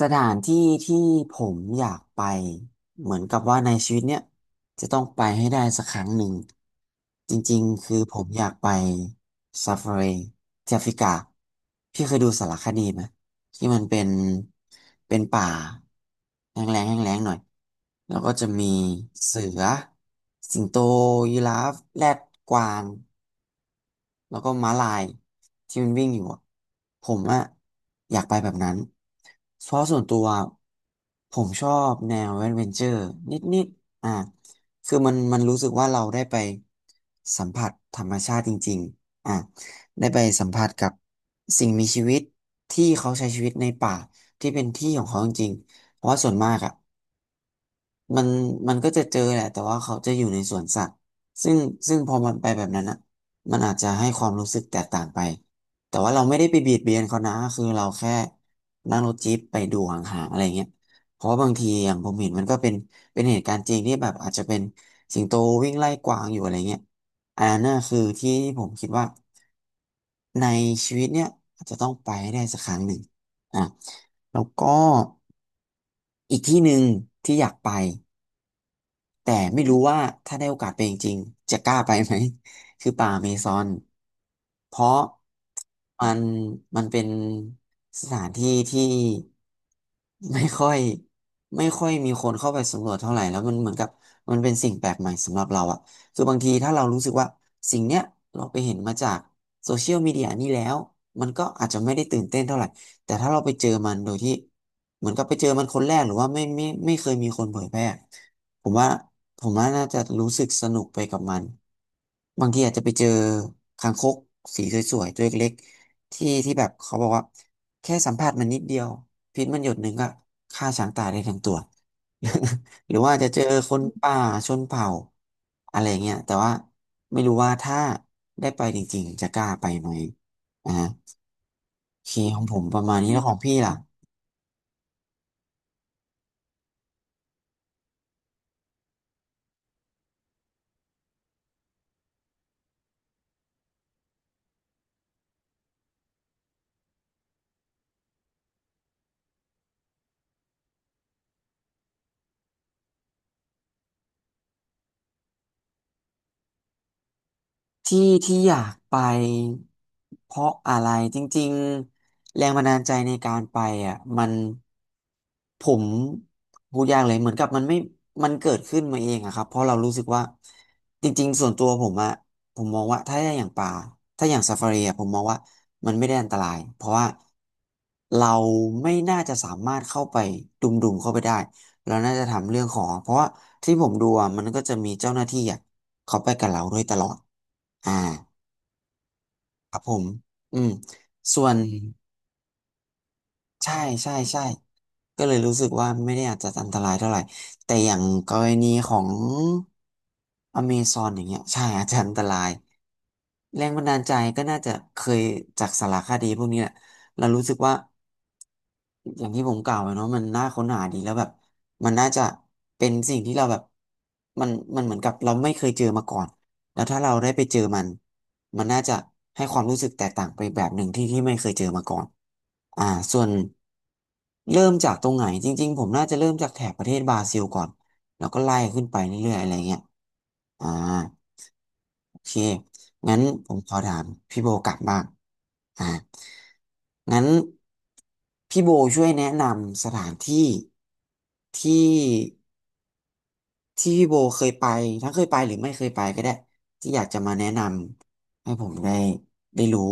สถานที่ที่ผมอยากไปเหมือนกับว่าในชีวิตเนี้ยจะต้องไปให้ได้สักครั้งหนึ่งจริงๆคือผมอยากไปซาฟารีที่แอฟริกาพี่เคยดูสารคดีไหมที่มันเป็นป่าแห้งแล้งหน่อยแล้วก็จะมีเสือสิงโตยีราฟแรดกวาง แล้วก็ม้าลายที่มันวิ่งอยู่อะผมอะอยากไปแบบนั้นเพราะส่วนตัวผมชอบแนวแอดเวนเจอร์นิดๆอ่ะคือมันรู้สึกว่าเราได้ไปสัมผัสธรรมชาติจริงๆอ่ะได้ไปสัมผัสกับสิ่งมีชีวิตที่เขาใช้ชีวิตในป่าที่เป็นที่ของเขาจริงๆเพราะว่าส่วนมากอะ มันมันก็จะเจอแหละแต่ว่าเขาจะอยู่ในสวนสัตว์ซึ่งซึ่งพอมันไปแบบนั้นอ่ะมันอาจจะให้ความรู้สึกแตกต่างไปแต่ว่าเราไม่ได้ไปเบียดเบียนเขานะคือเราแค่นั่งรถจี๊ปไปดูห่างๆอะไรเงี้ยเพราะว่าบางทีอย่างผมเห็นมันก็เป็นเหตุการณ์จริงที่แบบอาจจะเป็นสิงโตวิ่งไล่กวางอยู่อะไรเงี้ยอันนั้นน่ะคือที่ผมคิดว่าในชีวิตเนี่ยอาจจะต้องไปให้ได้สักครั้งหนึ่งอ่ะแล้วก็อีกที่หนึ่งที่อยากไป แต่ไม่รู้ว่าถ้าได้โอกาสไปจริงๆจะกล้าไปไหม คือป่าอเมซอนเพราะมันเป็นสถานที่ที่ไม่ค่อยไม่ค่อยมีคนเข้าไปสำรวจเท่าไหร่แล้วมันเหมือนกับมันเป็นสิ่งแปลกใหม่สำหรับเราอะคือบางทีถ้าเรารู้สึกว่าสิ่งเนี้ยเราไปเห็นมาจากโซเชียลมีเดียนี่แล้ว มันก็อาจจะไม่ได้ตื่นเต้นเท่าไหร่ แต่ถ้าเราไปเจอมันโดยที่เหมือนกับไปเจอมันคนแรกหรือว่าไม่เคยมีคนเผยแพร่ ผมว่าผมว่าน่าจะรู้สึกสนุกไปกับมันบางทีอาจจะไปเจอคางคกสีสวยๆตัวเล็กๆที่แบบเขาบอกว่าแค่สัมผัสมันนิดเดียวพิษมันหยดหนึ่งก็ฆ่าช้างตายได้ทั้งตัว หรือว่าจะเจอคนป่าชนเผ่าอะไรเงี้ยแต่ว่าไม่รู้ว่าถ้าได้ไปจริงๆจะกล้าไปไหมอ่าโอเคของผมประมาณนี้แล้วของพี่ล่ะ ที่ที่อยากไปเพราะอะไรจริงๆแรงบันดาลใจในการไปอ่ะมันผมพูดยากเลยเหมือนกับมันไม่มันเกิดขึ้นมาเองอะครับเพราะเรารู้สึกว่าจริงๆส่วนตัวผมอะผมมองว่าถ้าอย่างป่าถ้าอย่างซาฟารีอะผมมองว่ามันไม่ได้อันตรายเพราะว่าเราไม่น่าจะสามารถเข้าไปดุมๆเข้าไปได้เราน่าจะทำเรื่องของเพราะว่าที่ผมดูอะมันก็จะมีเจ้าหน้าที่อะเขาไปกับเราด้วยตลอด อ่าครับผมอืมส่วนใช่ใช่ใช่ก็เลยรู้สึกว่าไม่ได้อาจจะอันตรายเท่าไหร่แต่อย่างกรณีของอเมซอนอย่างเงี้ยใช่อาจจะอันตราย แรงบันดาลใจก็น่าจะเคยจากสารคดีพวกนี้แหละเรารู้สึกว่าอย่างที่ผมกล่าวไปเนาะมันน่าค้นหาดีแล้วแบบมันน่าจะเป็นสิ่งที่เราแบบมันมันเหมือนกับเราไม่เคยเจอมาก่อนแล้วถ้าเราได้ไปเจอมันมันน่าจะให้ความรู้สึกแตกต่างไปแบบหนึ่งที่ที่ไม่เคยเจอมาก่อนอ่าส่วนเริ่มจากตรงไหนจริงๆผมน่าจะเริ่มจากแถบประเทศบราซิลก่อนแล้วก็ไล่ขึ้นไปเรื่อยๆอะไรเงี้ยอ่า โอเค งั้นผมขอถามพี่โบกลับบ้างอ่างั้นพี่โบช่วยแนะนำสถานที่ที่ที่พี่โบเคยไปทั้งเคยไปหรือไม่เคยไปก็ได้ที่อยากจะมาแนะนำให้ผมได้ได้รู้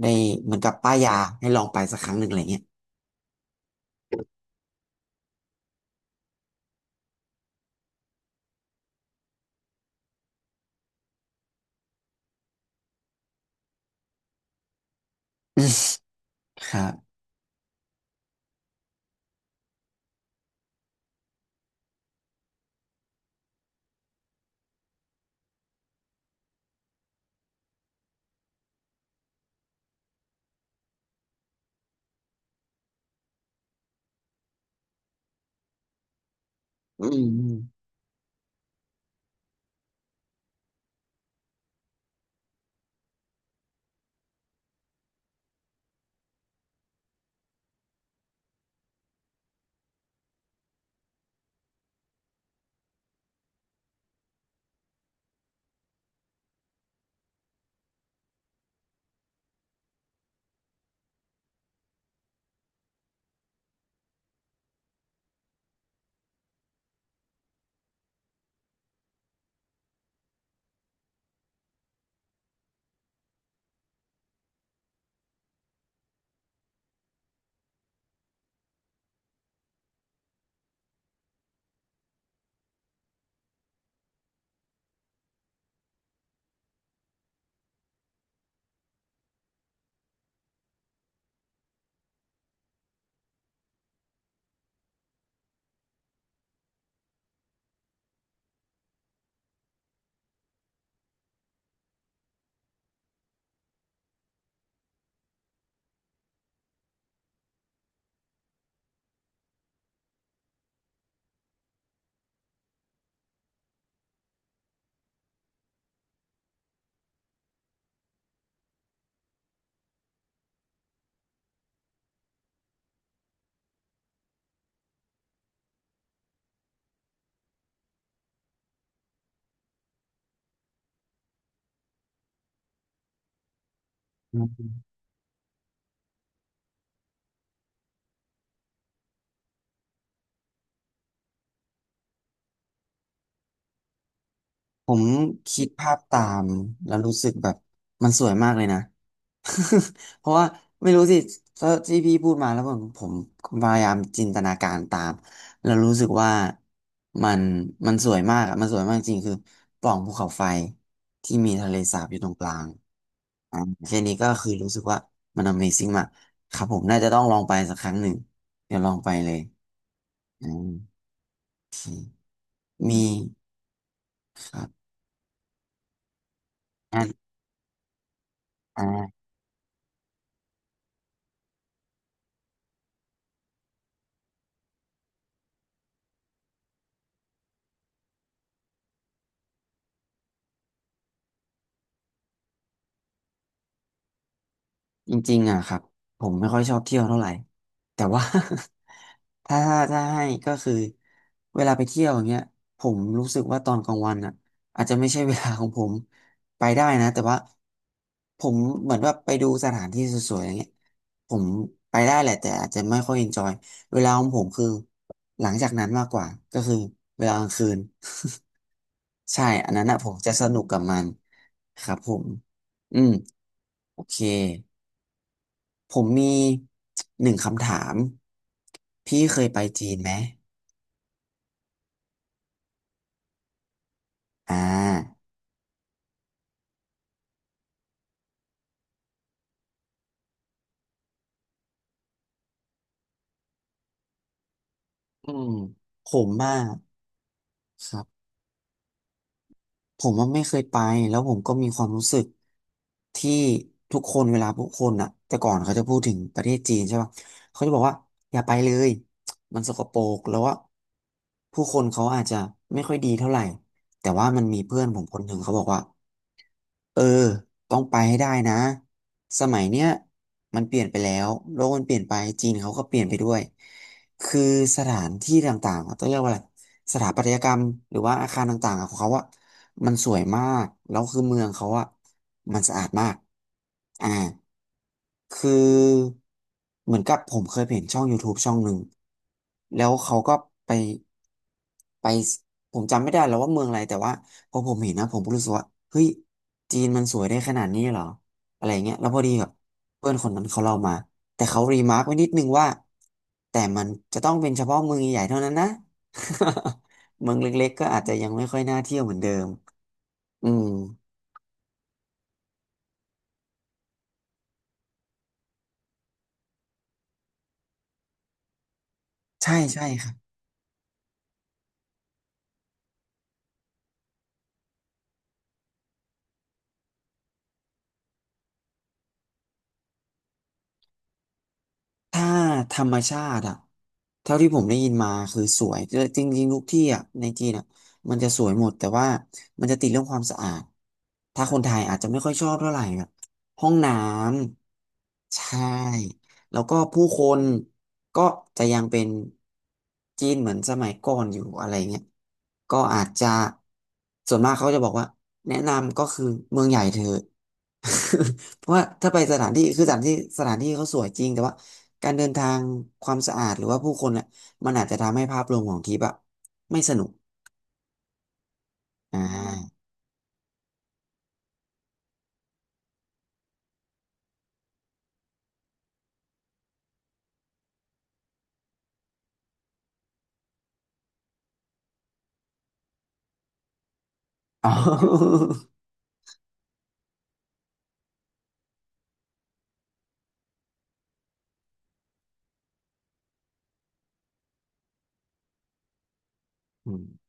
ได้เหมือนกับป้ายยาให้ลองไปสักครั้งหนึ่งอะไรเงี้ยอืมครับ อืมอืมอืมผมคิดภาพตามแล้วรู้สึกแบบมันสวยมากเลยนะ เพราะว่าไม่รู้สิถ้าที่พี่พูดมาแล้วผมพยายามจินตนาการตามแล้วรู้สึกว่ามันมันสวยมากอะมันสวยมากจริงคือปล่องภูเขาไฟที่มีทะเลสาบอยู่ตรงกลางอ่าแค่นี้ก็คือรู้สึกว่ามัน Amazing มากครับผมน่าจะต้องลองไปสักครั้งหนึ่งเดี๋ยวลองไปเลยอมโอเคมีครับอ่า จริงๆอ่ะครับผมไม่ค่อยชอบเที่ยวเท่าไหร่แต่ว่า ถ้าถ้าให้ก็คือเวลาไปเที่ยวอย่างเงี้ยผมรู้สึกว่าตอนกลางวันอ่ะอาจจะไม่ใช่เวลาของผมไปได้นะแต่ว่าผมเหมือนว่าไปดูสถานที่สวยๆอย่างเงี้ยผมไปได้แหละแต่อาจจะไม่ค่อยเอนจอยเวลาของผมคือหลังจากนั้นมากกว่าก็คือเวลากลางคืน ใช่อันนั้นอ่ะผมจะสนุกกับมันครับผมอืมโอเค ผมมี1 คำถามพี่เคยไปจีนไหมอ่าอืมผมอ่ะครับผมว่าไม่เคยไปแล้วผมก็มีความรู้สึกที่ทุกคนเวลาทุกคนอ่ะแต่ก่อนเขาจะพูดถึงประเทศจีนใช่ป่ะเขาจะบอกว่าอย่าไปเลยมันสกปรกแล้วว่าผู้คนเขาอาจจะไม่ค่อยดีเท่าไหร่แต่ว่ามันมีเพื่อนผมคนหนึ่งเขาบอกว่า เออต้องไปให้ได้นะสมัยเนี้ยมันเปลี่ยนไปแล้วโลกมันเปลี่ยนไปจีนเขาก็เปลี่ยนไปด้วยคือสถานที่ต่างๆอะต้องเรียกว่าอะไรสถาปัตยกรรมหรือว่าอาคารต่างๆอะของเขาอะมันสวยมากแล้วคือเมืองเขาอะมันสะอาดมากอ่าคือเหมือนกับผมเคยเห็นช่อง YouTube ช่องหนึ่งแล้วเขาก็ไปไปผมจำไม่ได้แล้วว่าเมืองอะไรแต่ว่า พอผมเห็นนะผมก็รู้สึกว่าเฮ้ยจีนมันสวยได้ขนาดนี้เหรออะไรเงี้ยแล้วพอดีแบบเพื่อนคนนั้นเขาเล่ามาแต่เขารีมาร์กไว้นิดนึงว่าแต่มันจะต้องเป็นเฉพาะเมืองใหญ่ๆเท่านั้นนะ เมืองเล็กๆก็อาจจะยังไม่ค่อยน่าเที่ยวเหมือนเดิมอืมใช่ใช่ครับ ถ้าธรรมชาติอะเท่าที่ผมได้ยินมาคือสวยเออจริงๆทุกที่อะในจีนอะมันจะสวยหมดแต่ว่ามันจะติดเรื่องความสะอาด ถ้าคนไทยอาจจะไม่ค่อยชอบเท่าไหร่แบบห้องน้ำใช่แล้วก็ผู้คนก็จะยังเป็นจีนเหมือนสมัยก่อนอยู่อะไรเงี้ยก็อาจจะส่วนมากเขาจะบอกว่าแนะนำก็คือเมืองใหญ่เธอะ เพราะว่าถ้าไปสถานที่คือสถานที่เขาสวยจริงแต่ว่าการเดินทางความสะอาดหรือว่าผู้คนอ่ะมันอาจจะทำให้ภาพรวมของทริปอะไม่สนุกอ่าออ